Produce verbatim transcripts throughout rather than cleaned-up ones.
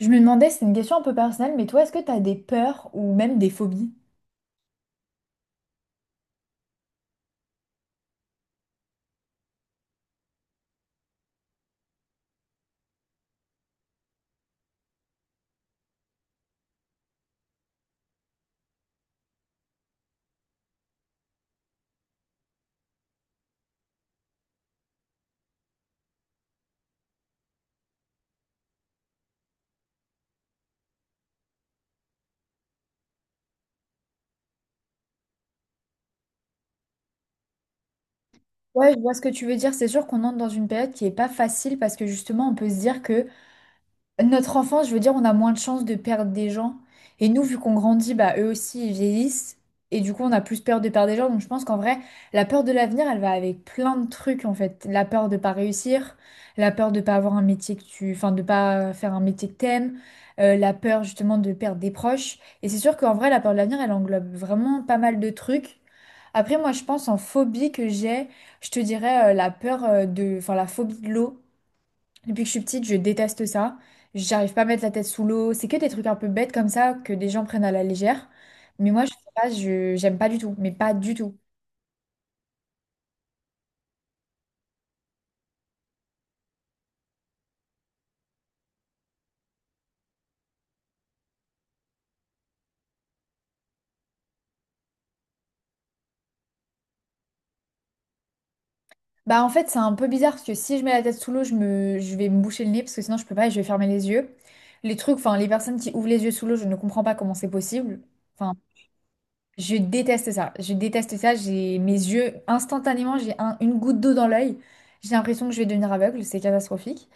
Je me demandais, c'est une question un peu personnelle, mais toi, est-ce que tu as des peurs ou même des phobies? Ouais, je vois ce que tu veux dire. C'est sûr qu'on entre dans une période qui est pas facile parce que justement, on peut se dire que Notre enfance, je veux dire, on a moins de chances de perdre des gens. Et nous, vu qu'on grandit, bah, eux aussi, ils vieillissent. Et du coup, on a plus peur de perdre des gens. Donc, je pense qu'en vrai, la peur de l'avenir, elle va avec plein de trucs, en fait. La peur de pas réussir, la peur de pas avoir un métier que tu... Enfin, de pas faire un métier que t'aimes, euh, la peur, justement, de perdre des proches. Et c'est sûr qu'en vrai, la peur de l'avenir, elle englobe vraiment pas mal de trucs. Après, moi, je pense en phobie que j'ai, je te dirais euh, la peur euh, de... Enfin, la phobie de l'eau. Depuis que je suis petite, je déteste ça. J'arrive pas à mettre la tête sous l'eau. C'est que des trucs un peu bêtes comme ça que des gens prennent à la légère. Mais moi, je sais pas, je j'aime pas du tout. Mais pas du tout. Bah en fait, c'est un peu bizarre parce que si je mets la tête sous l'eau, je me, je vais me boucher le nez parce que sinon je peux pas et je vais fermer les yeux. Les trucs, enfin les personnes qui ouvrent les yeux sous l'eau, je ne comprends pas comment c'est possible. Enfin. Je déteste ça. Je déteste ça. J'ai mes yeux, instantanément, j'ai un- une goutte d'eau dans l'œil. J'ai l'impression que je vais devenir aveugle. C'est catastrophique.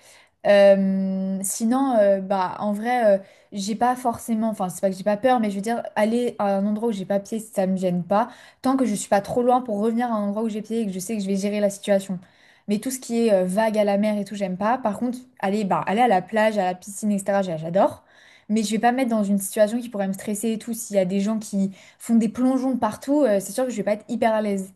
Euh, sinon, euh, bah, en vrai, euh, j'ai pas forcément, enfin, c'est pas que j'ai pas peur, mais je veux dire, aller à un endroit où j'ai pas pied, ça me gêne pas, tant que je suis pas trop loin pour revenir à un endroit où j'ai pied et que je sais que je vais gérer la situation. Mais tout ce qui est euh, vague à la mer et tout, j'aime pas. Par contre, aller, bah, aller à la plage, à la piscine, et cætera, j'a- j'adore. Mais je vais pas me mettre dans une situation qui pourrait me stresser et tout, s'il y a des gens qui font des plongeons partout, euh, c'est sûr que je vais pas être hyper à l'aise.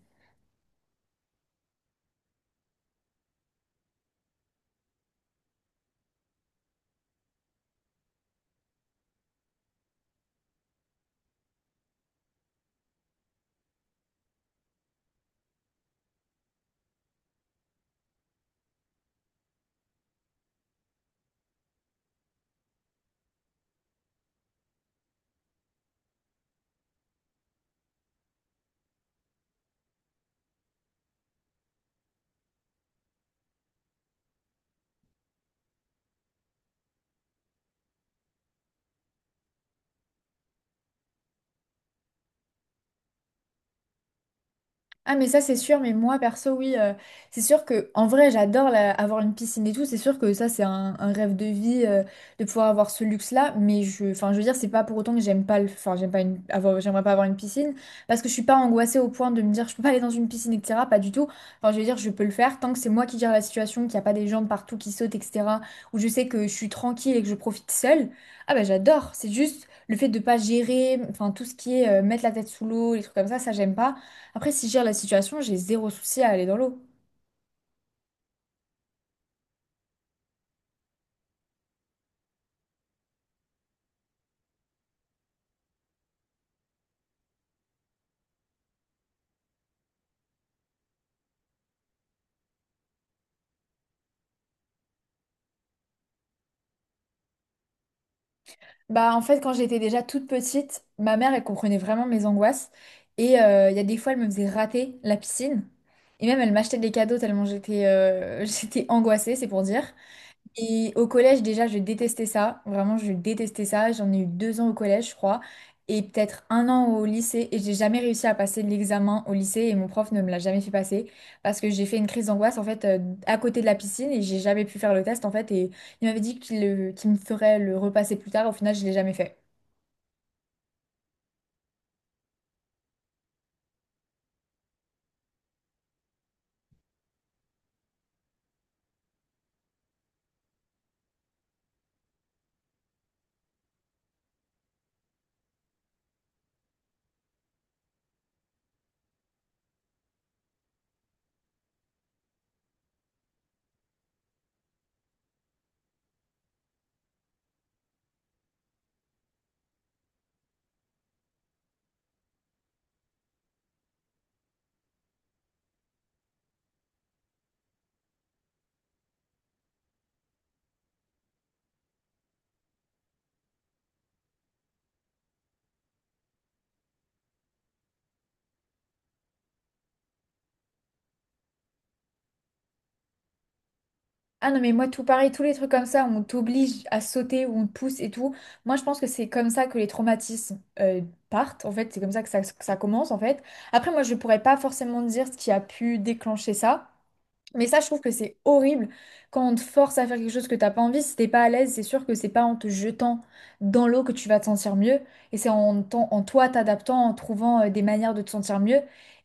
Ah mais ça c'est sûr, mais moi perso oui, euh, c'est sûr que en vrai j'adore la- avoir une piscine et tout, c'est sûr que ça c'est un, un rêve de vie euh, de pouvoir avoir ce luxe-là, mais je, enfin je veux dire c'est pas pour autant que j'aime pas le, enfin j'aime pas une, avoir, j'aimerais pas avoir une piscine parce que je suis pas angoissée au point de me dire je peux pas aller dans une piscine et cætera. Pas du tout. Enfin je veux dire je peux le faire tant que c'est moi qui gère la situation, qu'il y a pas des gens de partout qui sautent et cætera. Où je sais que je suis tranquille et que je profite seule. Ah bah j'adore. C'est juste le fait de pas gérer, enfin tout ce qui est euh, mettre la tête sous l'eau, les trucs comme ça, ça j'aime pas. Après, si je gère la situation, j'ai zéro souci à aller dans l'eau. Bah, en fait, quand j'étais déjà toute petite, ma mère, elle comprenait vraiment mes angoisses. Et euh, il y a des fois, elle me faisait rater la piscine. Et même, elle m'achetait des cadeaux tellement j'étais euh, j'étais angoissée, c'est pour dire. Et au collège, déjà, je détestais ça. Vraiment, je détestais ça. J'en ai eu deux ans au collège, je crois, et peut-être un an au lycée. Et j'ai jamais réussi à passer l'examen au lycée. Et mon prof ne me l'a jamais fait passer parce que j'ai fait une crise d'angoisse, en fait, euh, à côté de la piscine. Et j'ai jamais pu faire le test, en fait. Et il m'avait dit qu'il le- qu'il me ferait le repasser plus tard. Au final, je l'ai jamais fait. Ah non, mais moi, tout pareil, tous les trucs comme ça, on t'oblige à sauter ou on te pousse et tout. Moi, je pense que c'est comme ça que les traumatismes euh, partent. En fait, c'est comme ça que ça, que ça commence, en fait. Après, moi, je pourrais pas forcément dire ce qui a pu déclencher ça. Mais ça, je trouve que c'est horrible quand on te force à faire quelque chose que t'as pas envie. Si t'es pas à l'aise, c'est sûr que c'est pas en te jetant dans l'eau que tu vas te sentir mieux. Et c'est en, t'en- en toi t'adaptant, en trouvant euh, des manières de te sentir mieux.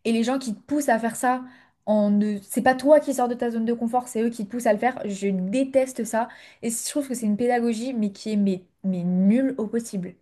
Et les gens qui te poussent à faire ça, en ne... c'est pas toi qui sors de ta zone de confort, c'est eux qui te poussent à le faire. Je déteste ça. Et je trouve que c'est une pédagogie, mais qui est mais, mais nulle au possible.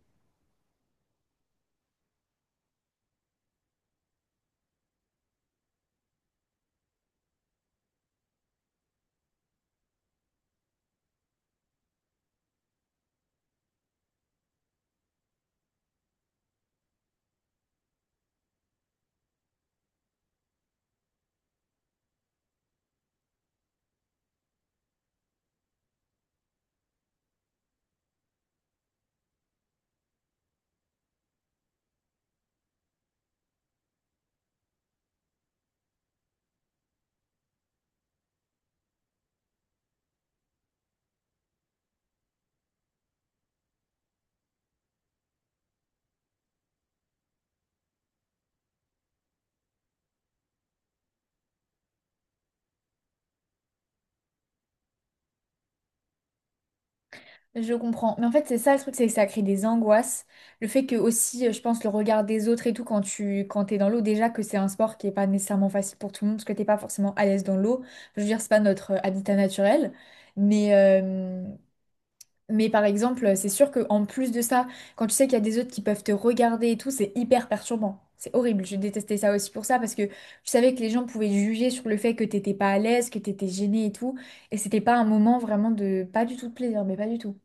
Je comprends. Mais en fait, c'est ça le truc, c'est que ça crée des angoisses. Le fait que aussi, euh, je pense, le regard des autres et tout, quand tu quand t'es dans l'eau, déjà que c'est un sport qui est pas nécessairement facile pour tout le monde, parce que t'es pas forcément à l'aise dans l'eau. Je veux dire, c'est pas notre euh, habitat naturel. Mais, euh, mais par exemple, euh, c'est sûr que en plus de ça, quand tu sais qu'il y a des autres qui peuvent te regarder et tout, c'est hyper perturbant. C'est horrible. Je détestais ça aussi pour ça, parce que je savais que les gens pouvaient juger sur le fait que t'étais pas à l'aise, que t'étais gêné et tout. Et c'était pas un moment vraiment de... Pas du tout de plaisir, mais pas du tout.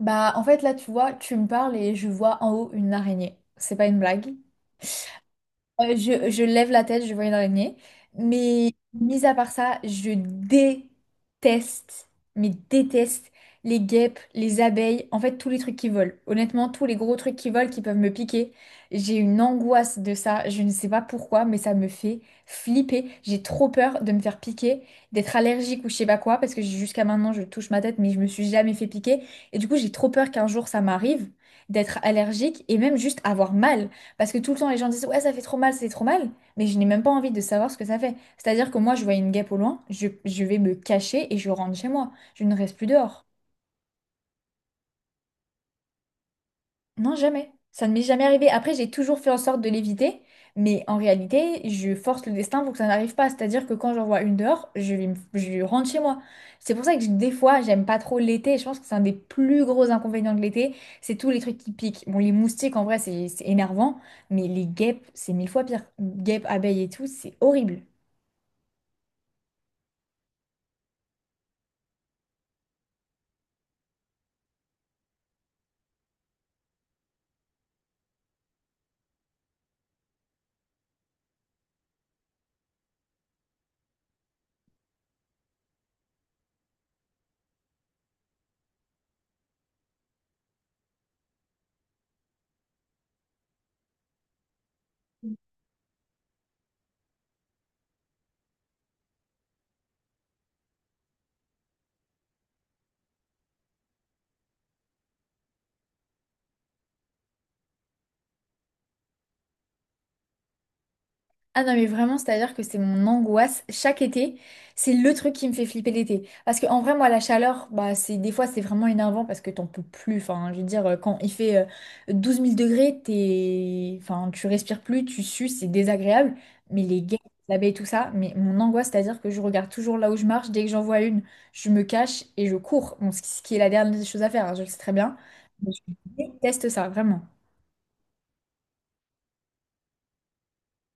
Bah, en fait, là, tu vois, tu me parles et je vois en haut une araignée. C'est pas une blague. Euh, je, je lève la tête, je vois une araignée. Mais mis à part ça, je déteste, mais déteste les guêpes, les abeilles, en fait tous les trucs qui volent. Honnêtement, tous les gros trucs qui volent qui peuvent me piquer. J'ai une angoisse de ça, je ne sais pas pourquoi, mais ça me fait flipper. J'ai trop peur de me faire piquer, d'être allergique ou je sais pas quoi, parce que jusqu'à maintenant je touche ma tête, mais je me suis jamais fait piquer. Et du coup, j'ai trop peur qu'un jour ça m'arrive d'être allergique et même juste avoir mal. Parce que tout le temps, les gens disent, ouais, ça fait trop mal, c'est trop mal, mais je n'ai même pas envie de savoir ce que ça fait. C'est-à-dire que moi, je vois une guêpe au loin, je, je vais me cacher et je rentre chez moi. Je ne reste plus dehors. Non, jamais. Ça ne m'est jamais arrivé. Après, j'ai toujours fait en sorte de l'éviter, mais en réalité, je force le destin pour que ça n'arrive pas. C'est-à-dire que quand j'en vois une dehors, je, vais me- je rentre chez moi. C'est pour ça que je- des fois, j'aime pas trop l'été. Je pense que c'est un des plus gros inconvénients de l'été. C'est tous les trucs qui piquent. Bon, les moustiques, en vrai, c'est c'est énervant, mais les guêpes, c'est mille fois pire. Guêpes, abeilles et tout, c'est horrible. Ah non, mais vraiment, c'est-à-dire que c'est mon angoisse. Chaque été, c'est le truc qui me fait flipper l'été. Parce qu'en vrai, moi, la chaleur, bah, c'est, des fois, c'est vraiment énervant parce que t'en peux plus. Enfin, je veux dire, euh, quand il fait euh, douze mille degrés, t'es... Enfin, tu respires plus, tu sues, c'est désagréable. Mais les guêpes, la baie et tout ça, mais mon angoisse, c'est-à-dire que je regarde toujours là où je marche. Dès que j'en vois une, je me cache et je cours. Bon, ce qui ce qui est la dernière chose à faire, hein, je le sais très bien. Mais je déteste ça, vraiment.